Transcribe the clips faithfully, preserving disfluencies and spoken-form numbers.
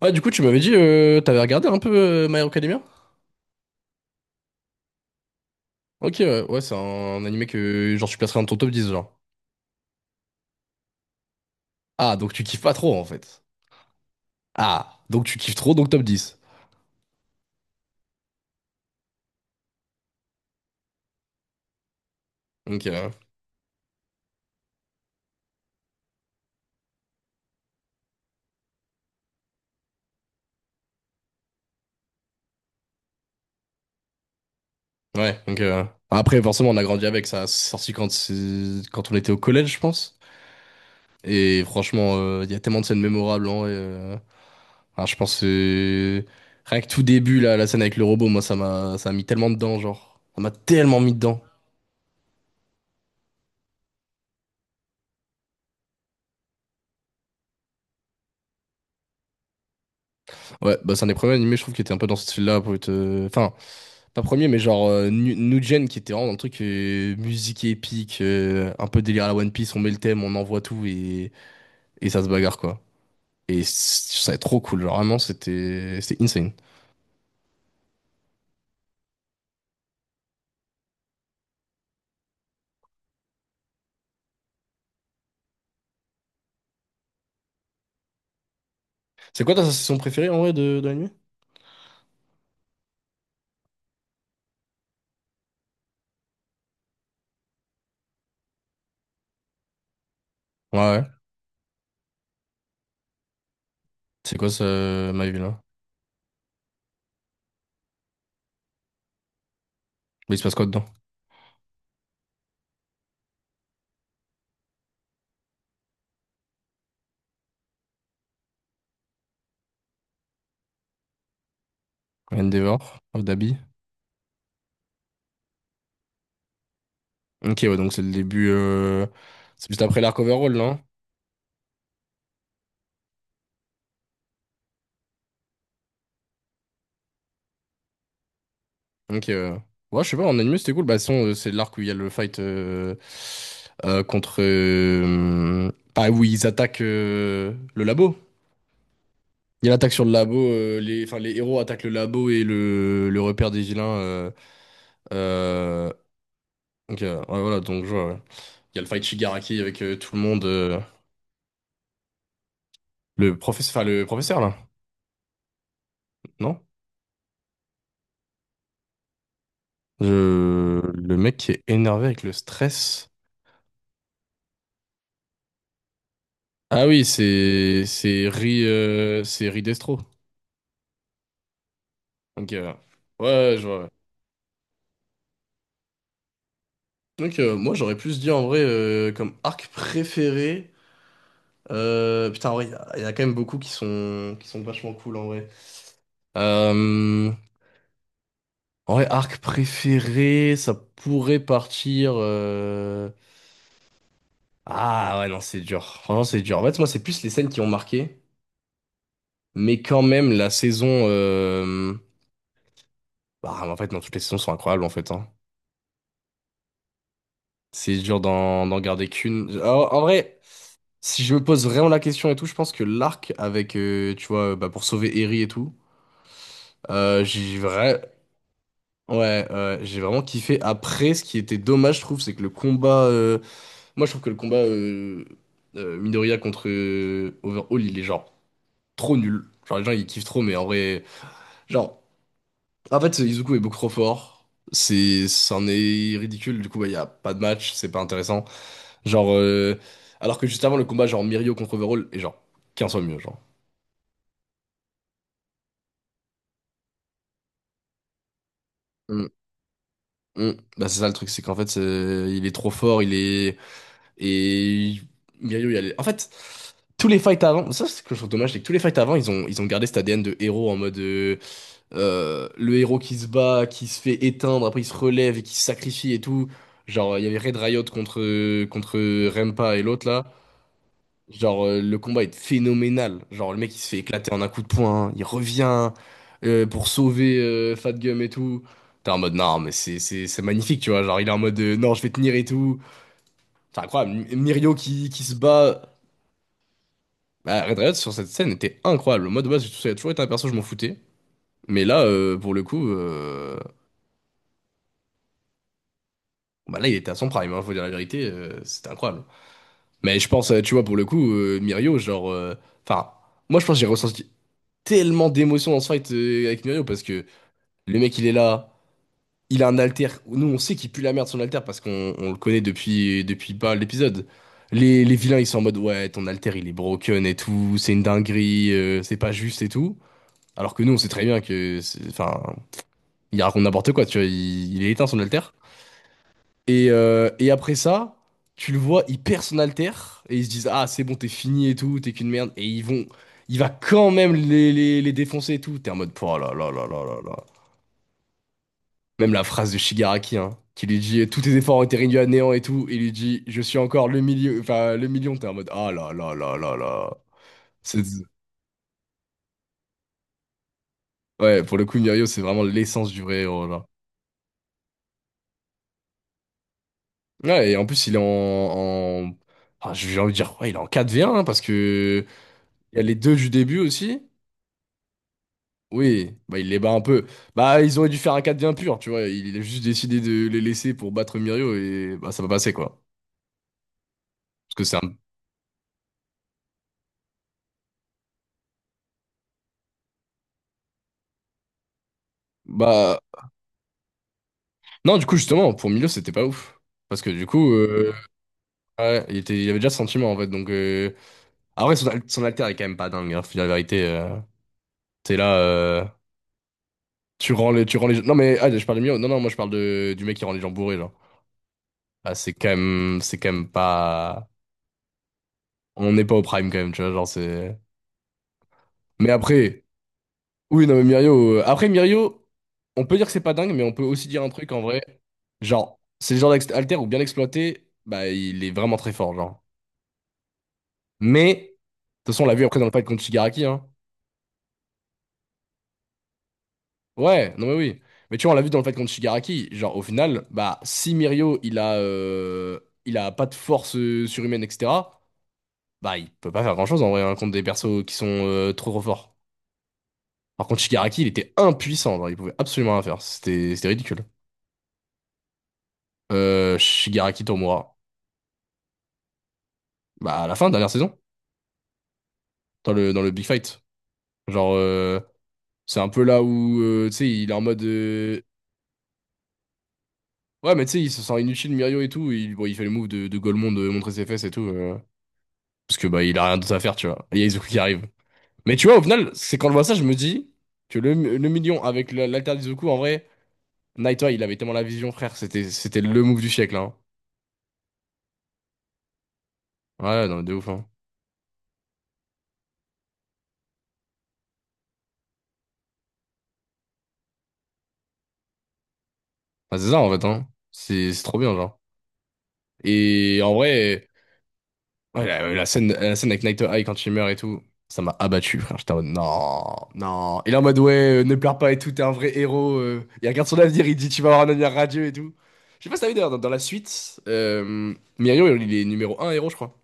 Ouais, du coup, tu m'avais dit, euh, t'avais regardé un peu euh, My Hero Academia? Ok, ouais, ouais, c'est un, animé que genre tu placerais dans ton top dix genre. Ah, donc tu kiffes pas trop en fait. Ah, donc tu kiffes trop, donc top dix. Ok, euh, ouais, donc. euh, Après, forcément, on a grandi avec ça. C'est sorti quand, c'est- quand on était au collège, je pense. Et franchement, euh, il y a tellement de scènes mémorables, hein, et, euh, ah, je pense que rien que tout début, là, la scène avec le robot, moi, ça m'a ça m'a mis tellement dedans, genre. Ça m'a tellement mis dedans. Ouais, bah c'est un des premiers animés, je trouve, qui était un peu dans ce style-là pour être. euh, Enfin, pas premier, mais genre euh, Nu- New qui était vraiment dans le truc euh, musique épique, euh, un peu délire à la One Piece, on met le thème, on envoie tout et, et ça se bagarre quoi. Et c- ça est trop cool, genre vraiment c'était c'était insane. C'est quoi ta saison préférée en vrai de, de l'anime? Ouais, ouais. C'est quoi ça, My Villa? Mais il se passe quoi dedans? Endeavor, Dabi. Ok, ouais, donc c'est le début, euh, c'est juste après l'arc overall, non? Donc, euh, ouais, je sais pas, en anime, c'était cool. Bah, de toute façon, euh, c'est l'arc où il y a le fight euh, euh, contre. euh, Pas où ils attaquent euh, le labo. Il y a l'attaque sur le labo. Euh, les, enfin, les héros attaquent le labo et le, le repère des vilains. euh, euh, donc, euh, ouais, voilà, donc je vois, ouais. Il y a le fight Shigaraki avec euh, tout le monde. Euh, le professeur, enfin, le professeur, là, non? Je- Le mec qui est énervé avec le stress. Ah oui, c'est c'est Ri, euh, c'est Ri Destro. Ok, ouais. Ouais, ouais, je vois, ouais. Donc, euh, moi, j'aurais plus dit en vrai euh, comme arc préféré. Euh, putain, en vrai, il y, a il y a quand même beaucoup qui sont, qui sont vachement cool en vrai. Euh, en vrai, arc préféré, ça pourrait partir. euh, Ah ouais, non, c'est dur. Franchement, c'est dur. En fait, moi, c'est plus les scènes qui ont marqué. Mais quand même, la saison. euh, Bah, en fait, non, toutes les saisons sont incroyables en fait, hein. C'est dur d'en d'en garder qu'une. En en vrai. Si je me pose vraiment la question et tout, je pense que l'arc avec, euh, tu vois, euh, bah, pour sauver Eri et tout, euh, j'ai vrai... ouais, ouais, j'ai vraiment kiffé. Après, ce qui était dommage, je trouve, c'est que le combat. euh, Moi, je trouve que le combat euh, euh, Midoriya contre euh, Overhaul, il est genre trop nul. Genre, les gens, ils kiffent trop, mais en vrai. Genre, en fait, Izuku est beaucoup trop fort. C'est, c'en est ridicule. Du coup, bah, il n'y a pas de match, c'est pas intéressant. Genre, euh, alors que juste avant, le combat, genre Mirio contre Overhaul, est genre quinze fois mieux, genre. Mm. Bah, c'est ça le truc, c'est qu'en fait, c'est- il est trop fort, il est... Et Mirio, il y a... les- En fait, tous les fights avant, ça c'est ce que je trouve dommage, c'est que tous les fights avant, ils ont, ils ont gardé cet A D N de héros en mode... euh, euh, le héros qui se bat, qui se fait éteindre, après il se relève et qui se sacrifie et tout. Genre, il y avait Red Riot contre, contre Rempa et l'autre, là. Genre, euh, le combat est phénoménal. Genre, le mec, il se fait éclater en un coup de poing, il revient euh, pour sauver euh, Fat Gum et tout. T'es en mode, non, mais c'est c'est- c'est magnifique, tu vois. Genre, il est en mode, euh, non, je vais tenir et tout. C'est incroyable. M- Mirio qui, qui se bat. Bah, Red Riot, sur cette scène, était incroyable. Moi, de base, ça a toujours été un perso, je m'en foutais. Mais là, euh, pour le coup, euh, bah là, il était à son prime, hein, faut dire la vérité, euh, c'était incroyable. Mais je pense, euh, tu vois, pour le coup, euh, Mirio, genre... euh, Enfin, moi, je pense que j'ai ressenti tellement d'émotions dans ce fight euh, avec Mirio parce que le mec il est là, il a un alter. Nous on sait qu'il pue la merde son alter parce qu'on on le connaît depuis, depuis pas l'épisode. Les, les vilains ils sont en mode ouais, ton alter il est broken et tout, c'est une dinguerie, euh, c'est pas juste et tout. Alors que nous on sait très bien que, c'est- enfin, il raconte n'importe quoi, tu vois, il, il est éteint son alter. Et, euh, et après ça, tu le vois, il perd son alter et ils se disent, ah, c'est bon, t'es fini et tout, t'es qu'une merde. Et ils vont, il va quand même les, les, les défoncer et tout. T'es en mode, oh là là là là là là. Même la phrase de Shigaraki, hein, qui lui dit, tous tes efforts ont été réduits à néant et tout. Il lui dit, je suis encore le milieu, enfin, le million. T'es en mode, ah là là là là là. C'est- Ouais, pour le coup, Mirio, c'est vraiment l'essence du vrai héros, là. Ouais, et en plus, il est en, en... Ah, j'ai envie de dire, ouais, il est en quatre v un, hein, parce que il y a les deux du début aussi. Oui, bah, il les bat un peu. Bah, ils auraient dû faire un quatre bien pur, tu vois. Il a juste décidé de les laisser pour battre Mirio et bah, ça va passer, quoi. Parce que c'est un. Bah. Non, du coup, justement, pour Milo, c'était pas ouf. Parce que du coup, euh, ouais, il était... il avait déjà ce sentiment, en fait. Donc, euh... après, son, al- son alter est quand même pas dingue, hein, faut dire la vérité. euh, T'es là, euh, tu rends les... tu rends les gens. Non, mais ah, je parle de Milo. Non, non, moi, je parle de... du mec qui rend les gens bourrés, genre. Ah, c'est quand même... c'est quand même pas. On n'est pas au prime, quand même, tu vois. Genre, c'est. Mais après. Oui, non, mais Mirio. euh, Après, Mirio, on peut dire que c'est pas dingue, mais on peut aussi dire un truc en vrai. Genre, c'est le genre d'alter où bien exploité, bah, il est vraiment très fort, genre. Mais, de toute façon, on l'a vu après dans le fight contre Shigaraki, hein. Ouais, non, mais oui. Mais tu vois, on l'a vu dans le fight contre Shigaraki. Genre, au final, bah, si Mirio, il a, euh, il a pas de force euh, surhumaine, et cetera, bah, il peut pas faire grand-chose en vrai, hein, contre des persos qui sont euh, trop trop forts. Par contre, Shigaraki, il était impuissant, genre, il pouvait absolument rien faire. C'était, c'était ridicule. Euh, Shigaraki Tomura. Bah, à la fin, dernière saison, dans le, dans le Big Fight. Genre, euh, c'est un peu là où, euh, tu sais, il est en mode. euh, Ouais, mais tu sais, il se sent inutile, Mirio et tout. Il, bon, il fait le move de, de Golemon de montrer ses fesses et tout. Euh, parce que, bah, il a rien d'autre à faire, tu vois. Et il y a Izuku qui arrive. Mais tu vois, au final, c'est quand je vois ça, je me dis que le, le million avec la- l'alter d'Izuku, en vrai, Naito, il avait tellement la vision, frère. C'était, c'était le move du siècle, hein. Ouais, non, mais de ouf, hein. Bah, c'est ça, en fait, hein. C'est c'est trop bien, genre. Et en vrai. Ouais, la, la scène, la scène avec Night Eye quand il meurt et tout, ça m'a abattu, frère. J'étais en mode, non, non. Il est en mode, ouais, euh, ne pleure pas et tout, t'es un vrai héros. euh. Il regarde son avenir, il dit, tu vas avoir un avenir radieux et tout. Je sais pas si t'as vu d'ailleurs, dans, dans la suite, euh, Mirio, il est numéro un héros, je crois.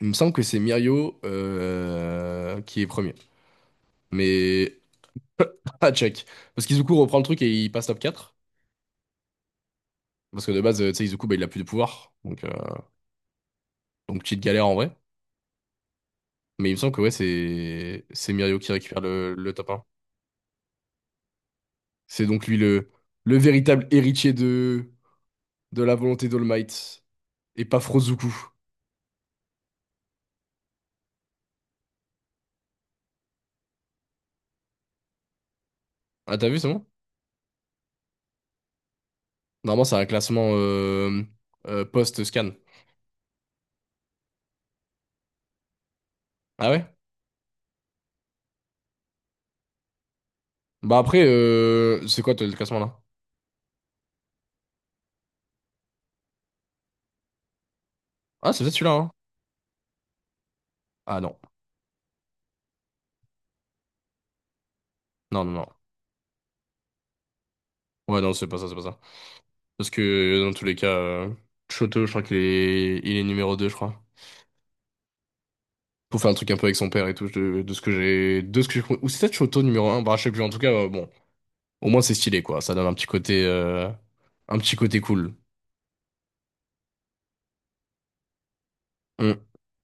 Il me semble que c'est Mirio euh, qui est premier. Mais, à check. Parce qu'Izuku reprend le truc et il passe top quatre. Parce que de base, euh, tu sais, Izuku, bah, il a plus de pouvoir. Donc, euh, donc, petite galère en vrai. Mais il me semble que ouais, c'est c'est Mirio qui récupère le, le top un. C'est donc lui le, le véritable héritier de, de la volonté d'All Might, et pas Frozuku. Ah, t'as vu, c'est bon? Normalement, c'est un classement euh, euh, post-scan. Ah ouais? Bah après, euh, c'est quoi toi, le classement là? Ah, c'est peut-être celui-là, hein? Ah non. Non, non, non. Ouais, non, c'est pas ça, c'est pas ça. Parce que dans tous les cas, euh, Choto, je crois qu'il est, il est numéro deux je crois. Pour faire un truc un peu avec son père et tout, de, de ce que j'ai. De ce que j'ai compris. Ou c'est peut-être Choto numéro un. Bah je sais plus, en tout cas, euh, bon. Au moins, c'est stylé, quoi. Ça donne un petit côté. euh, un petit côté cool. Mm.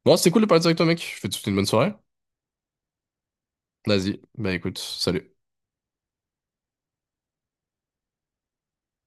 Bon, c'était cool de parler directement, mec. Je te souhaite une bonne soirée. Vas-y. Bah écoute, salut.